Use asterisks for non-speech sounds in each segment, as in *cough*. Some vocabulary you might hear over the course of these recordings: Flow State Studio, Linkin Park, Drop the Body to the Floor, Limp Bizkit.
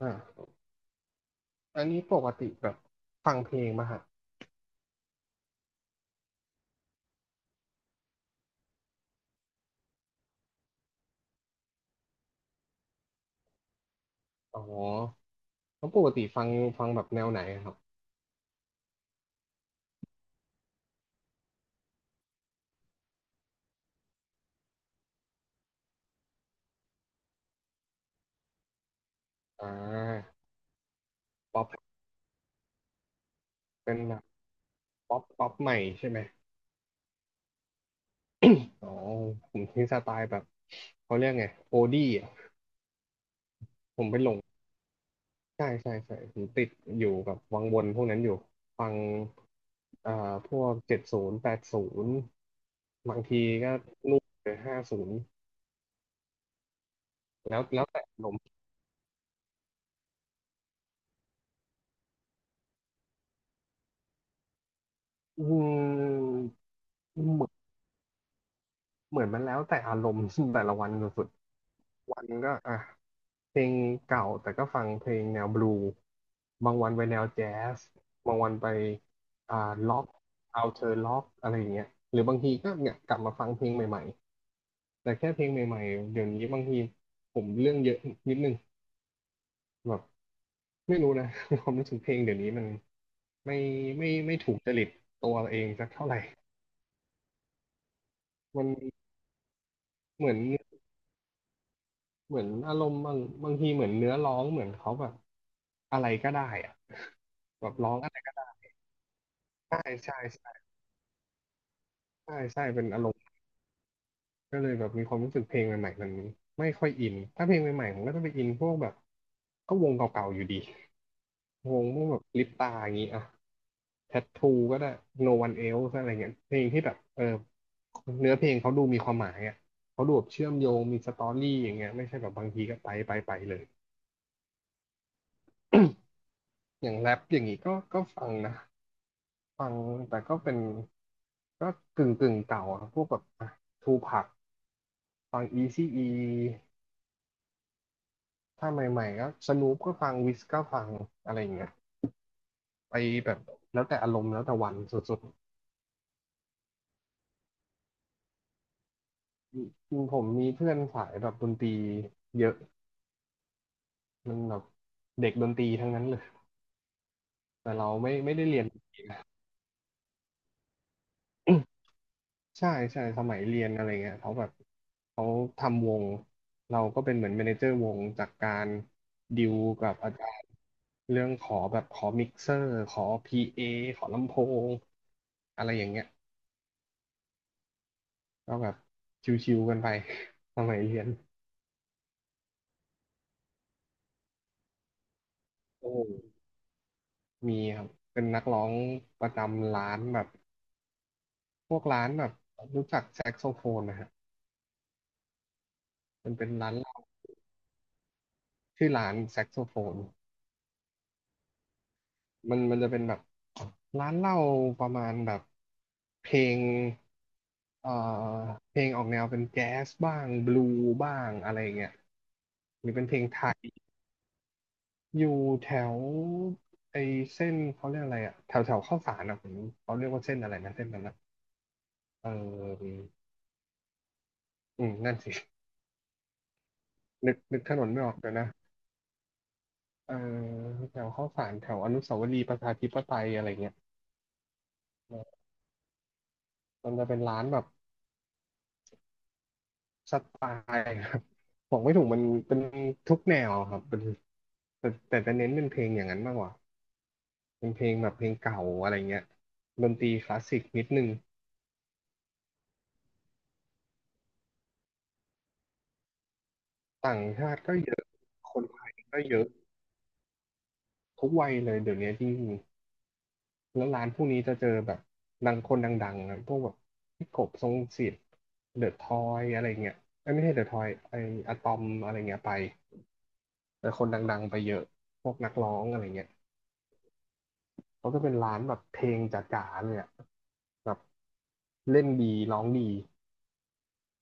อ่าอันนี้ปกติแบบฟังเพลงมาฮะอ๋อแล้วปกติฟังแบบแนวไหนอะครับอ่าป๊อปเป็นแบบป๊อปป๊อปใหม่ใช่ไหมอ๋อผมที่สไตล์แบบเขาเรียกไงโอดี้อ่ะผมไปหลงใช่ใช่ใช่ผมติดอยู่กับวังวนพวกนั้นอยู่ฟังเอ่าพวกเจ็ดศูนย์แปดศูนย์บางทีก็นู่นเลยห้าศูนย์แล้วแต่อารมณ์อืมเหมือนเหมือนมันแล้วแต่อารมณ์ *laughs* แต่ละวันสุด วันก็อ่ะเพลงเก่าแต่ก็ฟังเพลงแนวบลูบางวันไปแนวแจ๊สบางวันไปอ่าล็อกเอาเธอล็อกอะไรอย่างเงี้ยหรือบางทีก็เนี่ยกลับมาฟังเพลงใหม่ๆแต่แค่เพลงใหม่ๆเดี๋ยวนี้บางทีผมเรื่องเยอะนิดนึงแบบไม่รู้นะ *laughs* ความรู้สึกเพลงเดี๋ยวนี้มันไม่ไม่ไม่ถูกจริตตัวเองสักเท่าไหร่มันเหมือนเหมือนอารมณ์บางทีเหมือนเนื้อร้องเหมือนเขาแบบอะไรก็ได้อะแบบร้องอะไรก็ได้ใช่ใช่ ใช่ใช่เป็นอารมณ์ก็เลยแบบมีความรู้สึกเพลงใหม่ๆมันไม่ค่อยอินถ้าเพลงใหม่ๆผมก็จะไปอินพวกแบบก็วงเก่าๆอยู่ดีวงพวกแบบลิปตาอย่างนี้อ่ะแทททูก็ได้ No One Else อะไรเงี้ยเพลงที่แบบเออเนื้อเพลงเขาดูมีความหมายอ่ะเขาดูแบบเชื่อมโยงมีสตอรี่อย่างเงี้ยไม่ใช่แบบบางทีก็ไปไปไปเลยอย่างแรปอย่างนี้ก็ฟังนะฟังแต่ก็เป็นก็กึ่งเก่าอะพวกแบบทูพักฟังอีซีอี ถ้าใหม่ๆก็สนูปก็ฟังวิสก็ฟังอะไรอย่างเงี้ยไปแบบแล้วแต่อารมณ์แล้วแต่วันสุดๆจริงผมมีเพื่อนสายแบบดนตรีเยอะมันแบบเด็กดนตรีทั้งนั้นเลยแต่เราไม่ได้เรียน *coughs* ใช่ใช่สมัยเรียนอะไรเงี้ยเขาแบบเขาทำวงเราก็เป็นเหมือนแมเนเจอร์วงจากการดิวกับอาจารย์เรื่องขอแบบขอมิกเซอร์ขอพีเอขอลำโพงอะไรอย่างเงี้ย ก็แบบชิวๆกันไป *laughs* สมัยเรียนโอ้มีครับเป็นนักร้องประจำร้านแบบ พวกร้านแบบรู้จักแซกโซโฟนนะฮะมันเป็นร้านเหล้าชื่อร้านแซกโซโฟนมันจะเป็นแบบร้านเหล้าประมาณแบบเพลงเอ่อเพลงออกแนวเป็นแจ๊สบ้างบลูบ้างอะไรเงี้ยหรือเป็นเพลงไทยอยู่แถวไอเส้นเขาเรียกอะไรอะแถวแถวข้าวสารอะผมเขาเรียกว่าเส้นอะไรนะเส้นนั้นะ เอออืมนั่นสิ นึกถนนไม่ออกเลยวนะเออแถวข้าวสารแถวอนุสาวรีย์ประชาธิปไตยอะไรเงี้ยมันจะเป็นร้านแบบสไตล์ครับบอกไม่ถูกมันเป็นทุกแนวครับเป็นแต่จะเน้นเป็นเพลงอย่างนั้นมากกว่าเป็นเพลงแบบเพลงเก่าอะไรเงี้ยดนตรีคลาสสิกนิดนึงต่างชาติก็เยอะคนไทยก็เยอะทุกวัยเลยเดี๋ยวนี้จริงๆ แล้วร้านพวกนี้จะเจอแบบดังคนดังๆนะพวกแบบพี่กบทรงศิษย์เดอะทอยอะไรเงี้ยเอ้ยไม่ใช่เดอะทอยไออะตอมอะไรเงี้ยไปแต่คนดังๆ ไปเยอะพวกนักร้องอะไรเงี้ยเขาจะเป็นร้านแบบเพลงจ๋าๆเลยอะแบบเล่นดีร้องดี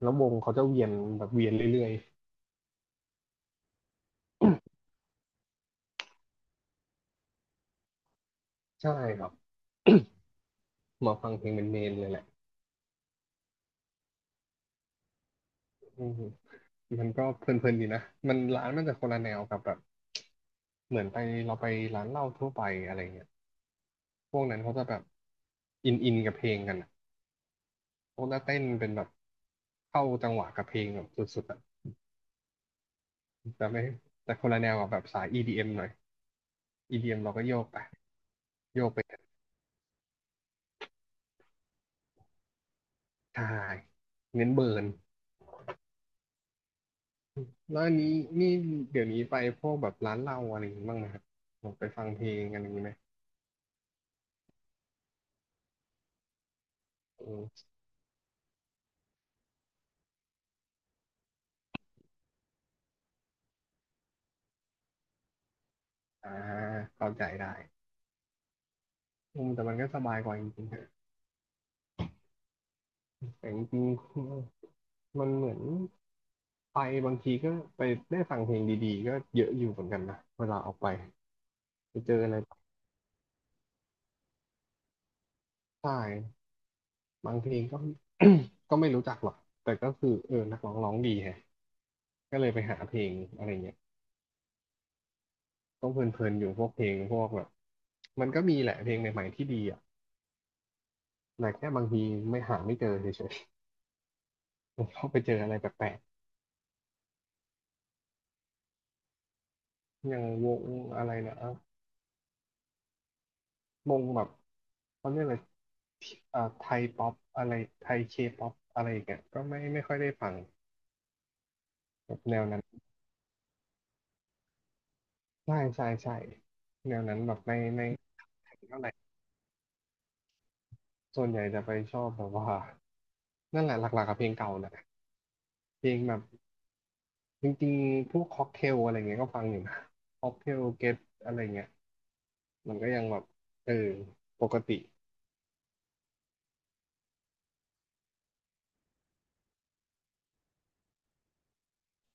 แล้ววงเขาจะเวียนแบบเวียนเรื่อยๆ ใช่ครับมาฟังเพลงเป็นเมนเลยแหละอืมมันก็เพลินๆดีนะ มันร้านมันจะคนละแนวกับแบบเหมือนไปเราไปร้านเหล้าทั่วไปอะไรเงี้ย พวกนั้นเขาจะแบบอินกับเพลงกันอะพวกนักเต้นเป็นแบบเข้าจังหวะกับเพลงแบบสุดๆอ่ะแต่ไม่แต่คนละแนวกับแบบสาย EDM หน่อย EDM เอ็มเราก็โยกไปโยกไปทายเน้นเบิร์นแล้วอันนี้นี่เดี๋ยวนี้ไปพวกแบบร้านเหล้าอะไรอย่างงี้บ้างนะครับแบบไปฟังเพลงกันอย่างนี้ไหมอืมอ่าเข้าใจได้อืมแต่มันก็สบายกว่าจริงๆนะแต่จริงๆมันเหมือนไปบางทีก็ไปได้ฟังเพลงดีๆก็เยอะอยู่เหมือนกันนะเวลาออกไป ไปเจออะไรใช่บางเพลงก็ *coughs* ก็ไม่รู้จักหรอกแต่ก็คือนักร้องร้องดีแฮะก็เลยไปหาเพลงอะไรเงี้ยต้องเพลินๆอยู่พวกเพลงพวกแบบมันก็มีแหละเพลงใหม่ๆที่ดีอ่ะแต่แค่บางทีไม่หาไม่เจอเฉยๆผมก็ไปเจออะไรแปลกๆอย่างวงอะไรนะวงแบบเขาเรียกอะไรไทยป๊อปอะไรไทยเคป๊อปอะไรอย่างเงี้ยก็ไม่ค่อยได้ฟังแบบแนวนั้นใช่ใช่ใช่แนวนั้นแบบไม่เท่าไหร่ส่วนใหญ่จะไปชอบแบบว่า นั่นแหละหลักๆกับเพลงเก่าแหละเพลงแบบจริงๆพวกค็อกเทลอะไรเงี้ยก็ฟังอยู่นะค็อกเทลเกตอะไรเงี้ยมันก็ยังแบบเออปกติ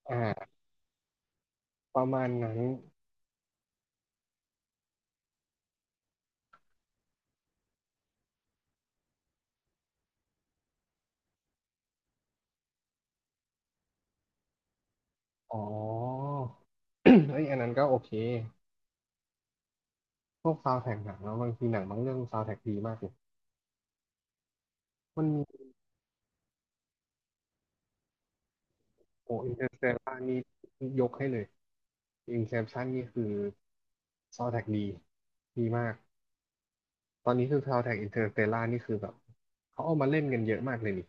อ่าประมาณนั้นอ๋อ *coughs* เอ้ยอันนั้นก็โอเคพวกซาว n d แทร็กหนังแล้วบางทีหนังบางเรื่องซาว n d แทร็กดีมากเลยมันมีโออินเตอร์สเตลานี่ยกให้เลยอินเซปชั่นนี่คือซาว n d แทร็กดีมาก ตอนนี้คือ Soundtrack Interstellar นี่คือแบบเขาเอามาเล่นกันเยอะมากเลยนี่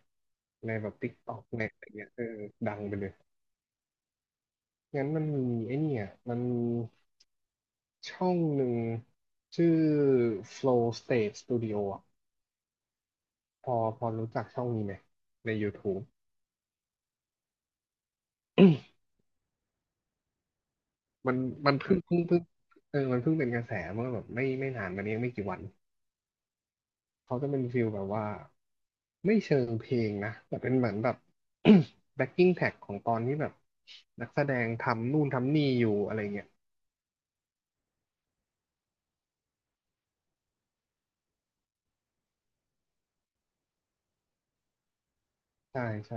ในแบบ TikTok ในอะไรเงี้ยดังไปเลย งั้นมันมีไอ้เนี่ยมันมีช่องหนึ่งชื่อ Flow State Studio อ่ะพอรู้จักช่องนี้ไหมใน YouTube มันมันเพิ่งเพิ่งเพิ่งเออมันเพิ่งเป็นกระแสเมื่อแบบไม่นานมานี้ไม่กี่วันเขาจะเป็นฟิลแบบว่า ไม่เชิงเพลงนะแต่เป็นเหมือนแบบ *coughs* *clears throat* backing track ของตอนที่แบบนักแสดงทำนู่นทำนี่อยู่อะไรเงี้ยใช่ใช่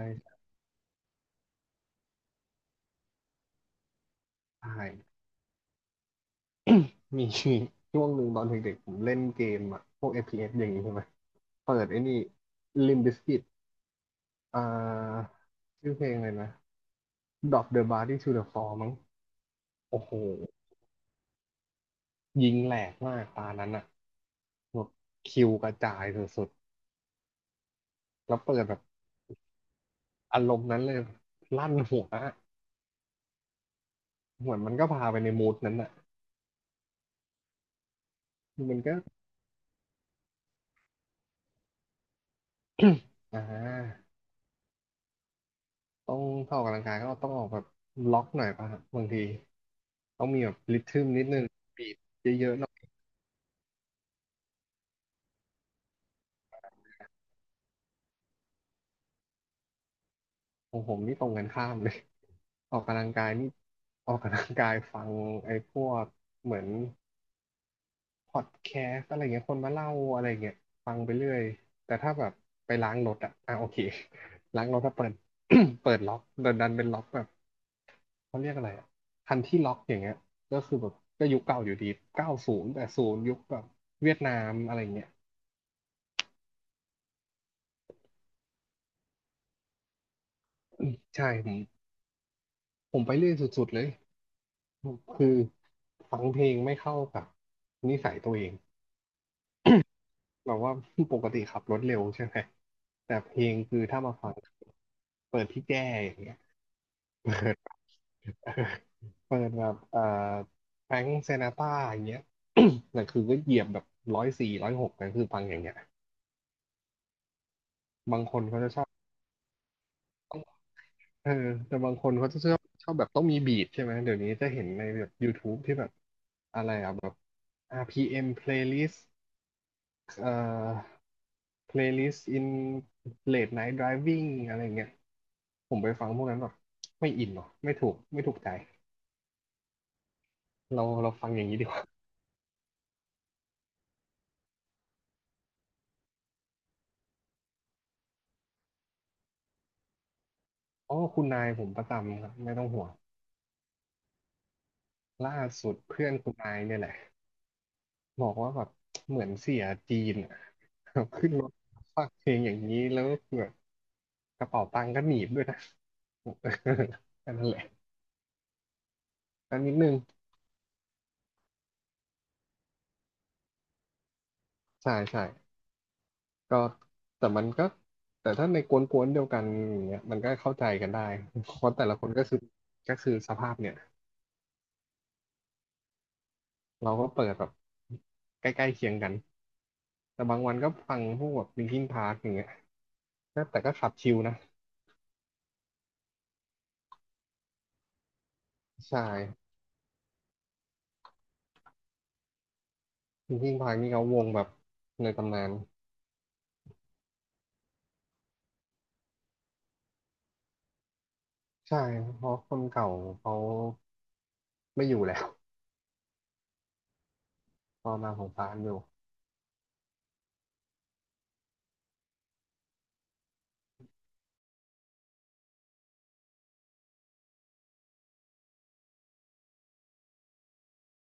ใช่มีช่วงหนึ่งตอนเด็กๆผมเล่นเกมอะพวก FPS อฟพีเอสอย่างนี้ใช่ไหมเปิดไอ้นี่ Limp Bizkit อ่าชื่อเพลงเลยนะ Drop the Body to the Floor มั้งโอ้โหยิงแหลกมากตานั้นอะแบบคิวกระจายสุดๆแล้วเปิดแบบอารมณ์นั้นเลยลั่นหัวอะเหมือนมันก็พาไปในมูดนั้นอะ คือมันก็ *coughs* อ่าต้องถ้าออกกำลังกายก็ต้องออกแบบล็อกหน่อยป่ะฮะบางทีต้องมีแบบริทึมนิดนึงบีบเยอะๆหน่อยของผมนี่ตรงกันข้ามเลย *laughs* ออกกำลังกายนี่ออกกำลังกายฟังไอ้พวกเหมือนพอดแคสต์อะไรเงี้ยคนมาเล่าอะไรเงี้ยฟังไปเรื่อยแต่ถ้าแบบไปล้างรถอะอ่ะโอเค *laughs* ล้างรถถ้าเปิด *coughs* เปิดล็อกดันเป็นล็อกแบบ เขาเรียกอะไรอ่ะคันที่ล็อกอย่างเงี้ยก็คือแบบก็ยุคเก่าอยู่ดี90แต่ศูนย์ยุคแบบเวียดนามอะไรเงี้ยใช่ผมไปเรื่อยสุดๆเลยคือฟังเพลงไม่เข้ากับนิสัยตัวเองแบบว่า *laughs* ปกติขับรถเร็วใช่ไหมแต่เพลงคือถ้ามาฟังเปิดพี่แจ้อย่างเงี้ย *laughs* เปิด *laughs* เปิดแบบแฟรงค์เซนาตราอย่างเงี้ย *coughs* แต่คือก็เหยียบแบบ140-160นั่นคือฟังอย่างเงี้ยบางคนเขาจะชอบ เออแต่บางคนเขาจะชอบแบบต้องมีบีทใช่ไหมเดี๋ยวนี้จะเห็นในแบบ YouTube ที่แบบอะไรอ่ะแบบ RPM playlist เอ่อ playlist in late night driving อะไรเงี้ยผมไปฟังพวกนั้นแบบไม่อินหรอไม่ถูกใจเราฟังอย่างนี้ดีกว่าอ๋อคุณนายผมประจำครับไม่ต้องห่วงล่าสุดเพื่อนคุณนายเนี่ยแหละ บอกว่าแบบเหมือนเสียจีนอะ *laughs* แบบขึ้นรถฟักเพลงอย่างนี้แล้วแบบกระเป๋าตังค์ก็หนีบด้วยนะ *laughs* แันนั่นแหละอันนิดนึงใช่ใช่ก็แต่มันก็แต่ถ้าในกวนๆเดียวกันอย่างเนี่ยมันก็เข้าใจกันได้เพราะแต่ละคนก็คือก็คือสภาพเนี่ยเราก็เปิดแบบใกล้ๆเคียงกันแต่บางวันก็ฟังพวกแบบ Linkin Park อย่างเงี้ยก็แต่ก็ขับชิลนะใช่ Linkin Park นี่เขาวงแบบในตำนาน ใช่ เพราะคนเก่าเขาไม่อยู่แล้ว *laughs* พอมาของฟ้านอยู่